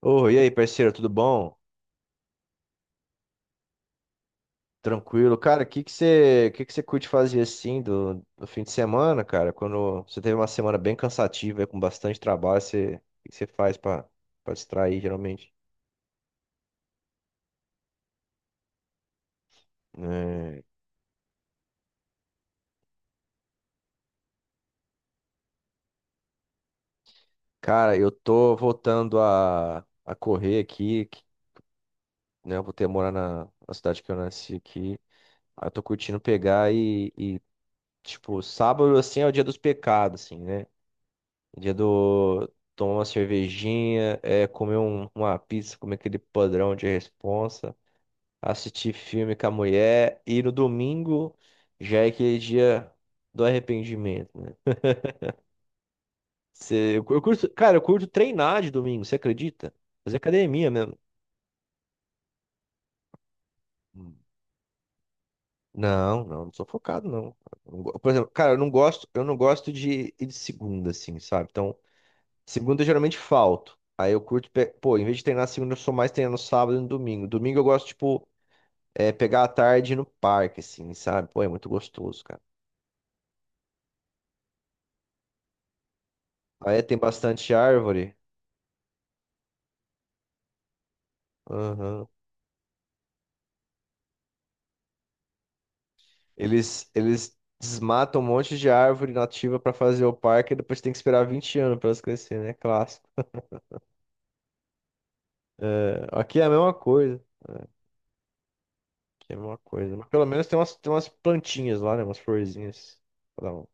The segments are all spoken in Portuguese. Ô, e aí, parceiro, tudo bom? Tranquilo? Cara, o que que você curte fazer assim do fim de semana, cara? Quando você teve uma semana bem cansativa, com bastante trabalho, você, o que que você faz pra distrair, geralmente? É, cara, eu tô voltando a correr aqui, né? Eu vou ter morar na cidade que eu nasci aqui. Aí eu tô curtindo tipo, sábado, assim, é o dia dos pecados, assim, né? Dia do Tomar uma cervejinha, é, comer uma pizza, comer aquele padrão de responsa, assistir filme com a mulher, e no domingo já é aquele dia do arrependimento, né? Eu curto, cara, eu curto treinar de domingo, você acredita? Fazer academia mesmo. Hum. Não sou focado, não. Eu não go- Por exemplo, cara, eu não gosto de ir de segunda, assim, sabe? Então, segunda eu geralmente falto. Aí eu curto, pô, em vez de treinar segunda, eu sou mais treinar no sábado e no domingo. Domingo eu gosto, tipo, é, pegar a tarde no parque, assim, sabe? Pô, é muito gostoso, cara. Aí tem bastante árvore. Aham. Eles desmatam um monte de árvore nativa pra fazer o parque e depois tem que esperar 20 anos pra elas crescerem, né? Clássico. É, aqui é a mesma coisa. Aqui é a mesma coisa. Mas pelo menos tem umas plantinhas lá, né? Umas florzinhas. Pra dar um-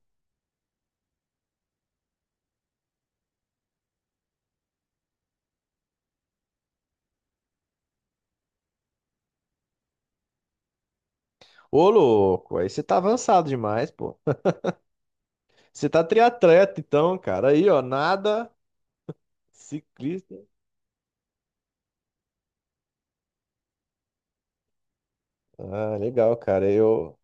Ô, louco, aí você tá avançado demais, pô. Você tá triatleta, então, cara. Aí, ó, nada, ciclista. Ah, legal, cara. Eu.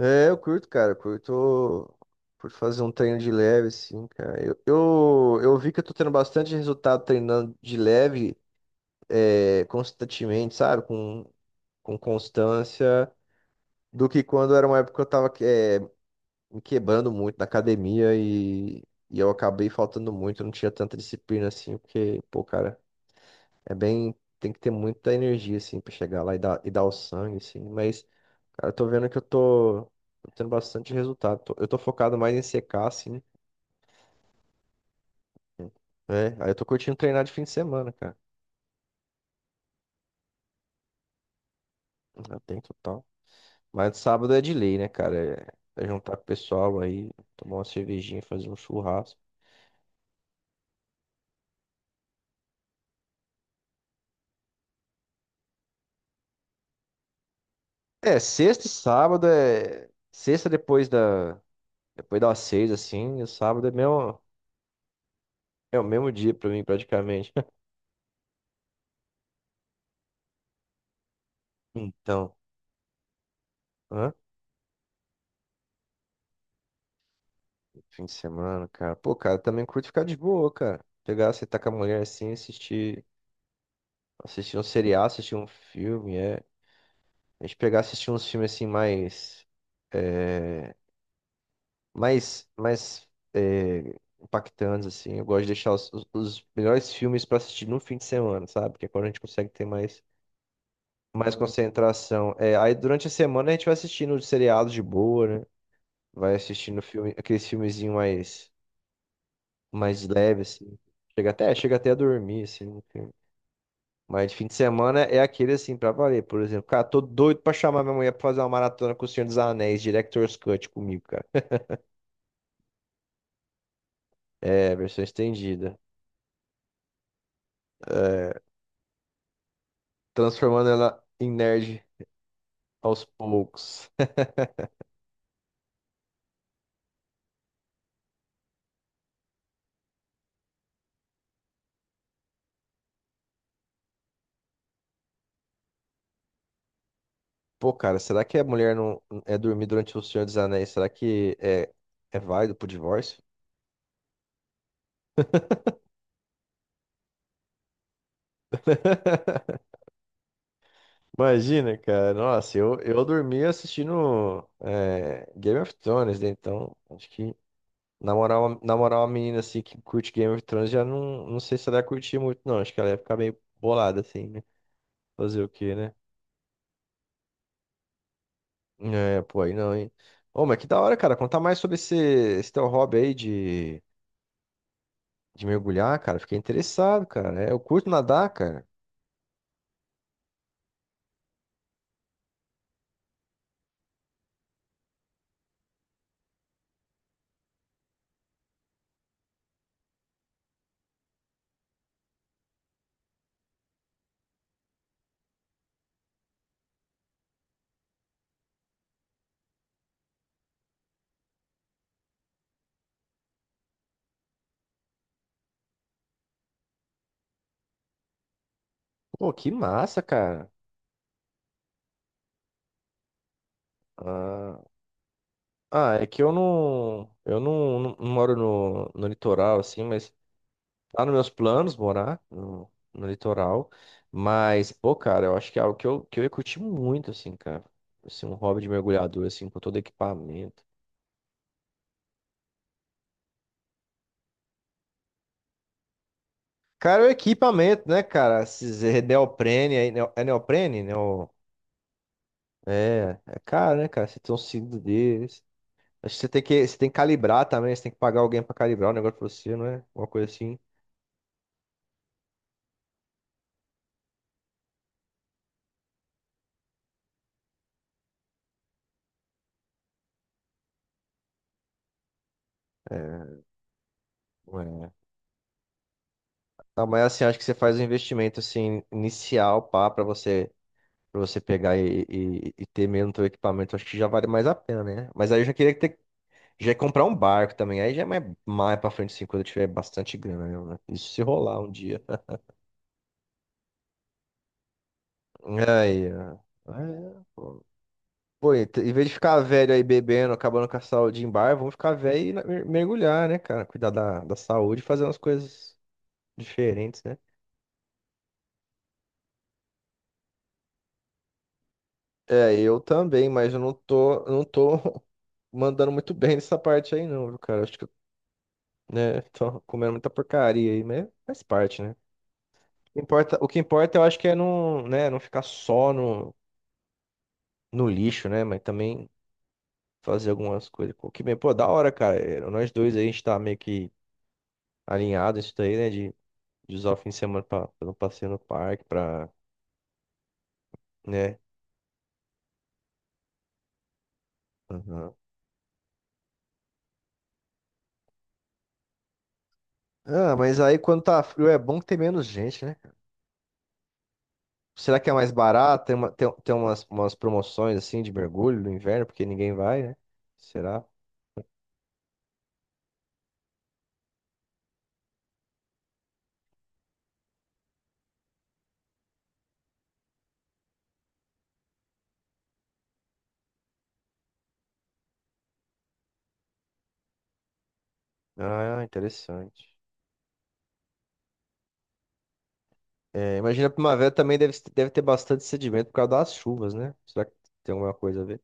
É, eu curto, cara. Eu curto. Curto fazer um treino de leve, assim, cara. Eu vi que eu tô tendo bastante resultado treinando de leve, é, constantemente, sabe? Com constância, do que quando era uma época que eu tava, é, me quebrando muito na academia e eu acabei faltando muito, eu não tinha tanta disciplina assim, porque, pô, cara. É bem. Tem que ter muita energia, assim, pra chegar lá e dar o sangue, assim. Mas, cara, eu tô vendo que eu tô tendo bastante resultado. Eu tô focado mais em secar, assim. É, aí eu tô curtindo treinar de fim de semana, cara. Já tem total. Mas sábado é de lei, né, cara? É, é juntar com o pessoal aí, tomar uma cervejinha, fazer um churrasco. É, sexta e sábado é. Sexta depois da. Depois das seis, assim, e sábado é, mesmo, é o mesmo dia pra mim, praticamente. Então. Hã? Fim de semana, cara. Pô, cara, também curto ficar de boa, cara. Pegar, você tá com a mulher assim, assistir um seriado, assistir um filme, é. A gente pegar, assistir uns filmes assim é, mais é, impactantes, assim. Eu gosto de deixar os melhores filmes pra assistir no fim de semana, sabe? Porque é quando a gente consegue ter mais concentração. É, aí durante a semana a gente vai assistindo seriados de boa, né? Vai assistindo filme, aqueles filmezinhos mais leve, assim. Chega até a dormir, assim, no filme. Mas fim de semana é aquele, assim, pra valer. Por exemplo, cara, tô doido pra chamar minha mulher pra fazer uma maratona com o Senhor dos Anéis, Director's Cut comigo, cara. É, versão estendida. É, transformando ela em nerd aos poucos. Pô, cara, será que a mulher não é dormir durante o Senhor dos Anéis? Será que é, é válido pro divórcio? Imagina, cara. Nossa, eu dormi assistindo é, Game of Thrones, né? Então, acho que. Na moral, uma menina assim que curte Game of Thrones já não sei se ela ia curtir muito, não. Acho que ela ia ficar meio bolada assim, né? Fazer o quê, né? É, pô, aí não, hein? Ô, mas que da hora, cara. Contar mais sobre esse teu hobby aí de mergulhar, cara. Fiquei interessado, cara. É, eu curto nadar, cara. Pô, que massa, cara. Ah, é que eu não, não, não moro no litoral, assim, mas tá nos meus planos morar no litoral, mas, pô, cara, eu acho que é algo que eu ia curtir muito, assim, cara. Assim, um hobby de mergulhador, assim, com todo equipamento. Cara, o equipamento, né, cara? Esses neoprene aí, é neoprene? Neo... É, é caro, né, cara? Você tem um cinto deles. Acho que você tem que calibrar também, você tem que pagar alguém pra calibrar o negócio pra você, não é? Uma coisa assim. É, não é. Não, mas assim, acho que você faz um investimento, assim, inicial, pá, pra você. Pra você pegar e ter mesmo teu equipamento, acho que já vale mais a pena, né? Mas aí eu já queria ter, já ia comprar um barco também. Aí já é mais pra frente, assim, quando eu tiver bastante grana mesmo, né? Isso se rolar um dia. Aí, ó. É, pô. Pô, e em vez de ficar velho aí bebendo, acabando com a saúde em bar, vamos ficar velho e mergulhar, né, cara? Cuidar da saúde, fazer umas coisas diferentes, né? É, eu também, mas eu não tô mandando muito bem nessa parte aí, não, viu, cara? Acho que né? Tô comendo muita porcaria aí, mas faz parte, né? O que importa, eu acho que é não, né, não ficar só no lixo, né? Mas também fazer algumas coisas. Pô, que bem, pô, da hora, cara. É, nós dois aí, a gente tá meio que alinhado isso daí, né? De usar o fim de semana pra fazer um passeio no parque, pra, né? Aham. Ah, mas aí quando tá frio é bom que tem menos gente, né? Será que é mais barato? Tem umas promoções assim de mergulho no inverno, porque ninguém vai, né? Será? Ah, interessante. É, imagina a primavera também deve ter bastante sedimento por causa das chuvas, né? Será que tem alguma coisa a ver?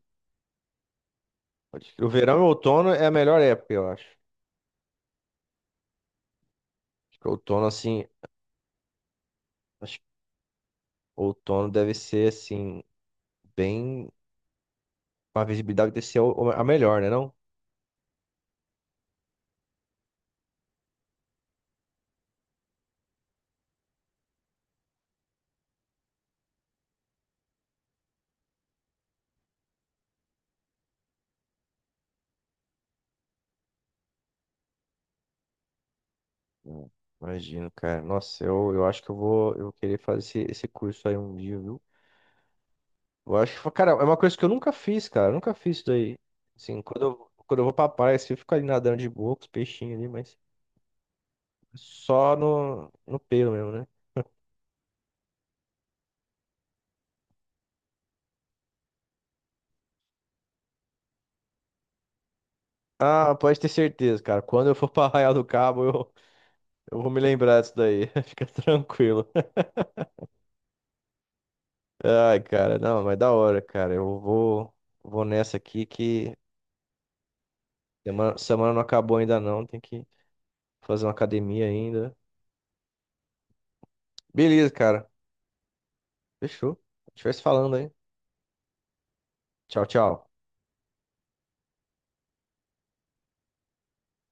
Pode crer. O verão e o outono é a melhor época, eu acho. Acho que outono, assim, acho que outono deve ser, assim, bem. A visibilidade deve ser a melhor, né, não? Hum, imagino, cara. Nossa, eu acho que eu vou querer fazer esse curso aí um dia, viu? Eu acho que, cara, é uma coisa que eu nunca fiz, cara. Eu nunca fiz isso daí. Assim, quando eu vou pra praia, assim, eu fico ali nadando de boa com os peixinhos ali, mas só no pelo mesmo, né? Ah, pode ter certeza, cara. Quando eu for pra Arraial do Cabo, eu vou me lembrar disso daí. Fica tranquilo. Ai, cara, não, mas da hora, cara. Eu vou, vou nessa aqui que semana não acabou ainda não. Tem que fazer uma academia ainda. Beleza, cara. Fechou. A gente vai se falando, hein? Tchau, tchau.